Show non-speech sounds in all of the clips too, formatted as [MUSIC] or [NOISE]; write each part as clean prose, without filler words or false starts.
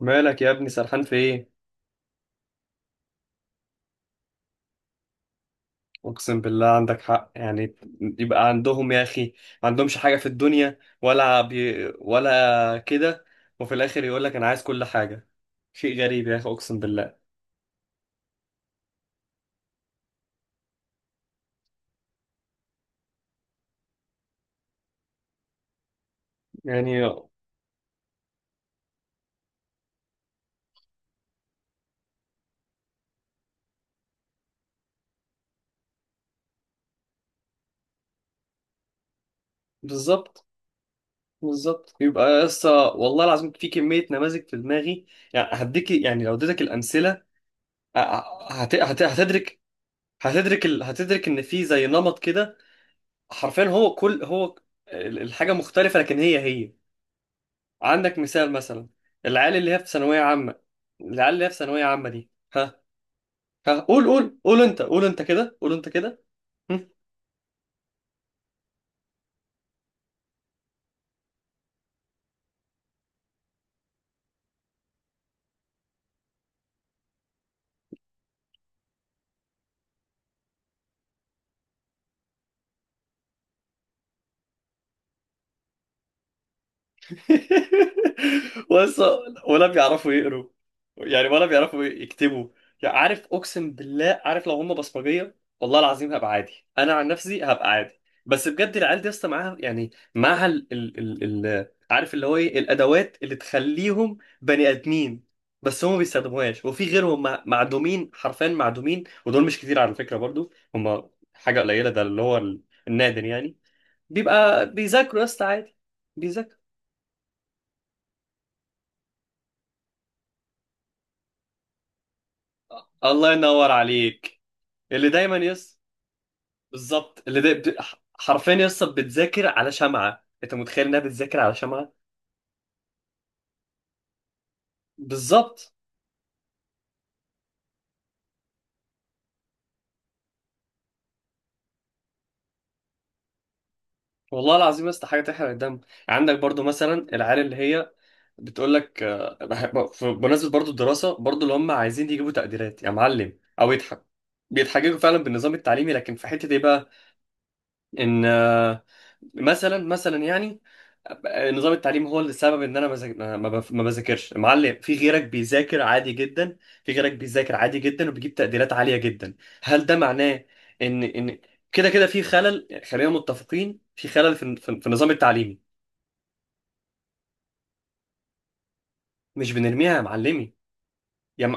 مالك يا ابني؟ سرحان في ايه؟ اقسم بالله، عندك حق يعني. يبقى عندهم يا اخي. ما عندهمش حاجه في الدنيا، ولا بي، ولا كده. وفي الاخر يقول لك انا عايز كل حاجه. شيء غريب يا اخي، اقسم بالله. يعني. بالظبط، بالظبط. يبقى لسه والله العظيم في كميه نماذج في دماغي. يعني هديك، يعني لو اديتك الامثله. ه- هتدرك. هتدرك ان في زي نمط كده. حرفيا هو كل هو. الحاجه مختلفه، لكن هي هي. عندك مثال مثلا. العيال اللي هي في ثانوية عامة. العيال اللي هي في ثانوية عامة دي، ها. ها قول قول قول انت، قول انت كده، قول انت كده. [LAUGHS] ولسه ولا بيعرفوا يقروا يعني، ولا بيعرفوا يكتبوا يعني. عارف اقسم بالله، عارف لو هم بصمجيه والله العظيم هبقى عادي، انا عن نفسي هبقى عادي. بس بجد العيال دي اصلا معاها، يعني معاها ال ال عارف اللي هو ايه الادوات اللي تخليهم بني ادمين. بس هم ما بيستخدموهاش، وفي غيرهم معدومين، حرفيا معدومين. ودول مش كتير على فكره، برضو هم حاجه قليله، ده اللي هو النادر يعني. بيبقى بيذاكروا يا اسطى عادي. بيذاكروا. الله ينور عليك. اللي دايما يس. بالظبط. حرفيا يس، بتذاكر على شمعة. انت متخيل انها بتذاكر على شمعة؟ بالظبط. والله العظيم يس، حاجة تحرق الدم. عندك برضو مثلا العيال اللي هي بتقول لك، بمناسبة برضو الدراسة، برضو اللي هم عايزين يجيبوا تقديرات يا معلم او يضحك، بيتحججوا فعلا بالنظام التعليمي. لكن في حتة ايه بقى؟ ان مثلا مثلا، يعني نظام التعليم هو اللي السبب ان انا ما بذاكرش. معلم، في غيرك بيذاكر عادي جدا. في غيرك بيذاكر عادي جدا، وبيجيب تقديرات عالية جدا. هل ده معناه ان كده كده في خلل، يعني خلينا متفقين في خلل في في النظام التعليمي. مش بنرميها يا معلمي. يا م...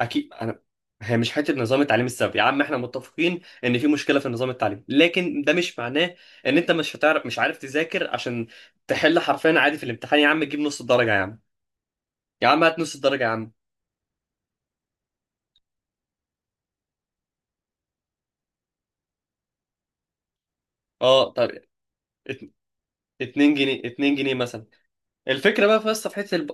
اكيد انا، هي مش حته نظام التعليم السبب يا عم، احنا متفقين ان في مشكله في النظام التعليمي. لكن ده مش معناه ان انت مش هتعرف، مش عارف تذاكر، عشان تحل حرفيا عادي في الامتحان. يا عم تجيب نص الدرجه يا عم. يا عم هات نص الدرجه يا عم. اه طب. ات- 2 جنيه، اتنين جنيه مثلا. الفكرة بقى في، بس في حتة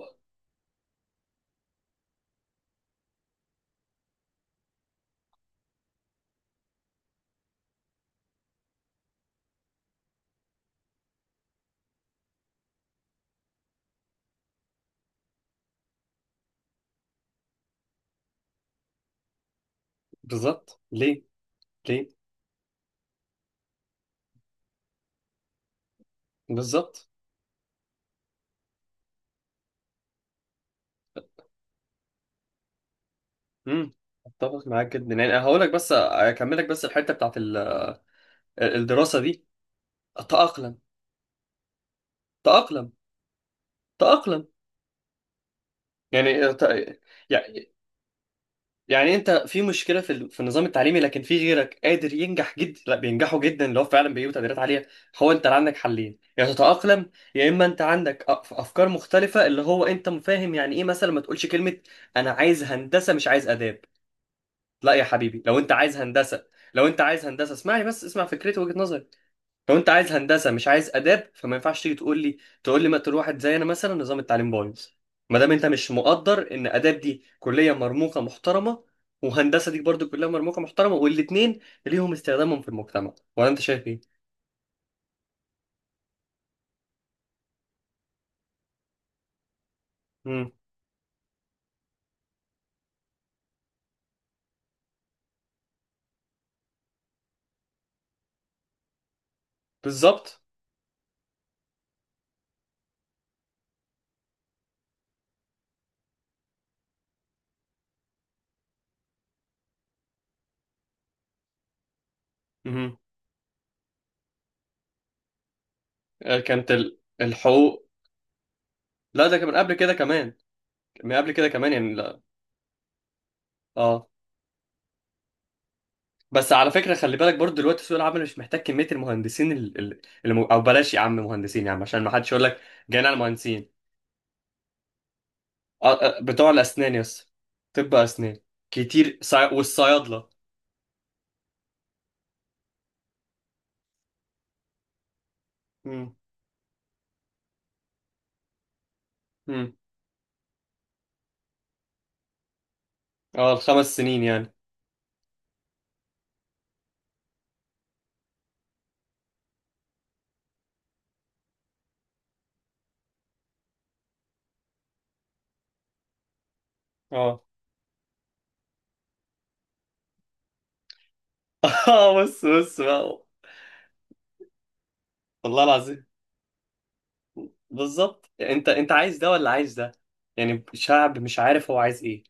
بالظبط. ليه؟ ليه؟ بالظبط. امم اتفق معاك جدا يعني، هقول لك بس، اكمل لك بس الحتة بتاعت الدراسة دي. تأقلم، تأقلم، تأقلم. يعني ت- يعني يعني انت في مشكله في في النظام التعليمي، لكن في غيرك قادر ينجح جدا. لا، بينجحوا جدا لو فعلا بيجيبوا تقديرات عاليه. هو انت عندك حلين، يا تتاقلم، يا اما انت عندك افكار مختلفه. اللي هو انت فاهم يعني ايه مثلا؟ ما تقولش كلمه انا عايز هندسه، مش عايز اداب. لا يا حبيبي، لو انت عايز هندسه، اسمعني بس، اسمع فكرتي وجهه نظري. لو انت عايز هندسه مش عايز اداب، فما ينفعش تيجي تقول لي، مثلا واحد زي انا، مثلا نظام التعليم بايظ. ما دام انت مش مقدر ان اداب دي كليه مرموقه محترمه، وهندسه دي برضو كليه مرموقه محترمه، والاثنين ليهم استخدامهم في المجتمع، ولا انت شايف ايه؟ امم بالظبط. امم كانت الحقوق، لا ده كان من قبل كده كمان، من قبل كده كمان يعني. لا، اه بس على فكره خلي بالك برضو دلوقتي سوق العمل مش محتاج كميه المهندسين، او بلاش يا عم مهندسين يا عم، عشان ما حدش يقول لك. جايين على المهندسين. آه، بتوع الأسنان يس. طب أسنان كتير، والصيادلة. مم. مم. اه الخمس سنين يعني. اه. [LAUGHS] اه بص بص بقى. والله العظيم. بالظبط. انت عايز ده ولا عايز ده؟ يعني شعب مش عارف هو عايز ايه.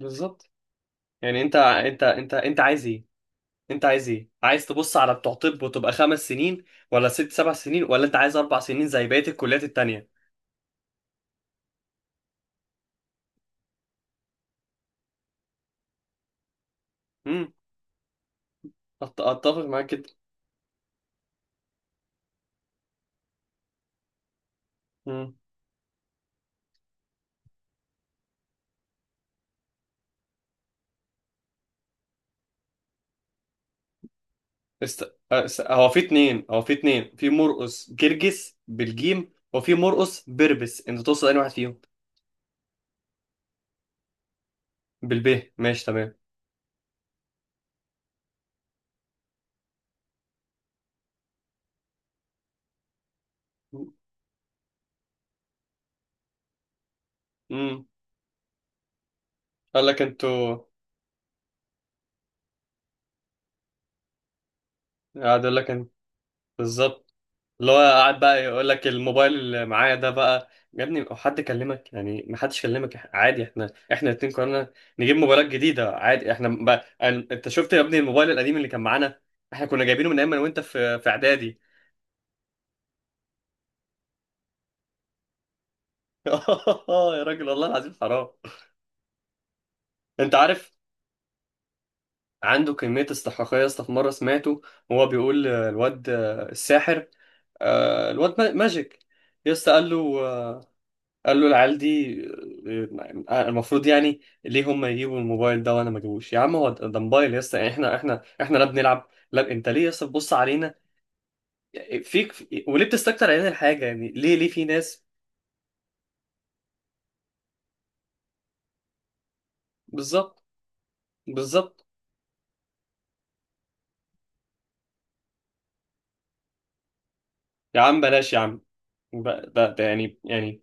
بالظبط. يعني انت عايز ايه؟ انت عايز ايه؟ عايز تبص على بتوع طب وتبقى 5 سنين، ولا ست سبع سنين، ولا انت عايز 4 سنين زي بقية الكليات التانية؟ امم اتفق معاك كده. هو في اتنين، في مرقص جرجس بالجيم، وفي مرقص بربس. انت توصل انهي واحد فيهم؟ بالب ماشي تمام. امم. قال لك انتوا، قاعد يقول لك انت بالظبط. اللي هو قاعد بقى يقول لك الموبايل اللي معايا ده بقى يا ابني، هو حد كلمك يعني؟ ما حدش كلمك، عادي. احنا الاتنين قررنا نجيب موبايلات جديدة، عادي. احنا بقى، انت شفت يا ابني الموبايل القديم اللي كان معانا؟ احنا كنا جايبينه من ايام ما انا وانت في اعدادي. [LAUGHS] يا راجل والله العظيم حرام. انت عارف عنده كمية استحقاقية يا اسطى؟ في مرة سمعته وهو بيقول الواد الساحر، آه، الواد ما- ماجيك. يا اسطى قال له، قال له العيال دي، المفروض يعني ليه هم يجيبوا الموبايل ده وانا ما اجيبوش؟ يا عم هو ده موبايل يا اسطى. يعني احنا لا بنلعب، لا انت ليه يا اسطى تبص علينا، فيك وليه بتستكتر علينا الحاجة؟ يعني ليه، ليه في ناس؟ بالظبط، بالظبط. يا عم بلاش يا عم. ده يعني.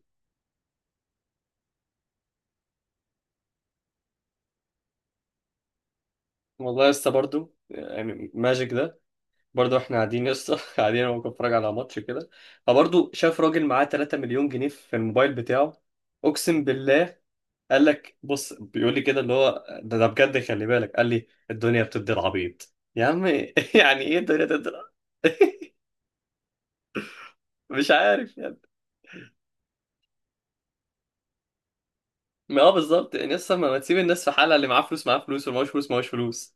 والله يا اسطى برضه يعني ماجيك ده، برضه احنا قاعدين يا اسطى، [LAUGHS] قاعدين انا بتفرج على ماتش كده. فبرضه شاف راجل معاه 3 مليون جنيه في الموبايل بتاعه. اقسم بالله قال لك، بص بيقول لي كده اللي هو ده بجد، خلي بالك. قال لي، الدنيا بتدي العبيط يا عم. [LAUGHS] يعني ايه الدنيا بتدي العبيط؟ [LAUGHS] مش عارف يعني. ما بالظبط يعني، لسه ما تسيب الناس في حالها. اللي معاه فلوس معاه فلوس، واللي معاهوش فلوس معاهوش فلوس.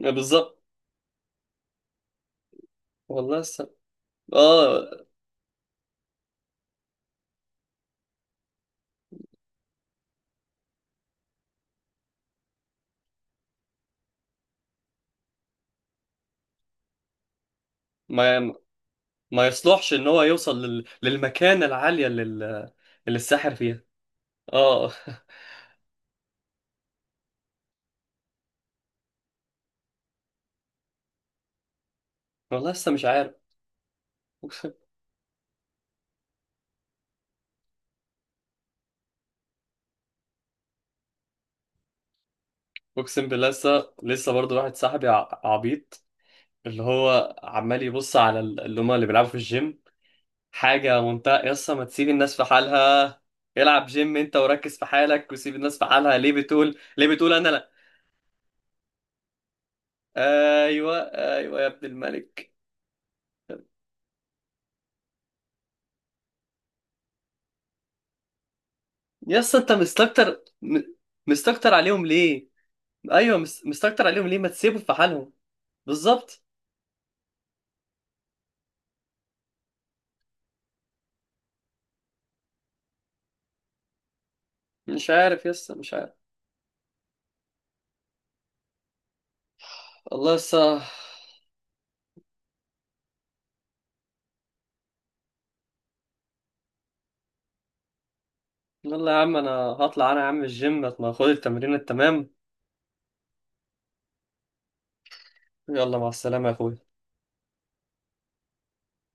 ما بالظبط. والله لسه. اه ما ما يصلحش ان هو يوصل للمكانة العالية اللي اللي الساحر فيها. اه. [LAUGHS] والله لسه مش عارف. اقسم بالله لسه، لسه برضه واحد صاحبي عبيط. اللي هو عمال يبص على اللي هما اللي بيلعبوا في الجيم. حاجة منتهى يسا، ما تسيب الناس في حالها. العب جيم انت، وركز في حالك، وسيب الناس في حالها. ليه بتقول، انا لا. ايوه، ايوه يا ابن الملك. يسا انت مستكتر مستكتر عليهم ليه؟ ايوه مستكتر عليهم ليه؟ ما تسيبهم في حالهم. بالظبط، مش عارف يسا، مش عارف. والله يسا. يلا يا عم انا هطلع، انا يا عم الجيم ما اخد التمرين التمام. يلا مع السلامة يا اخوي.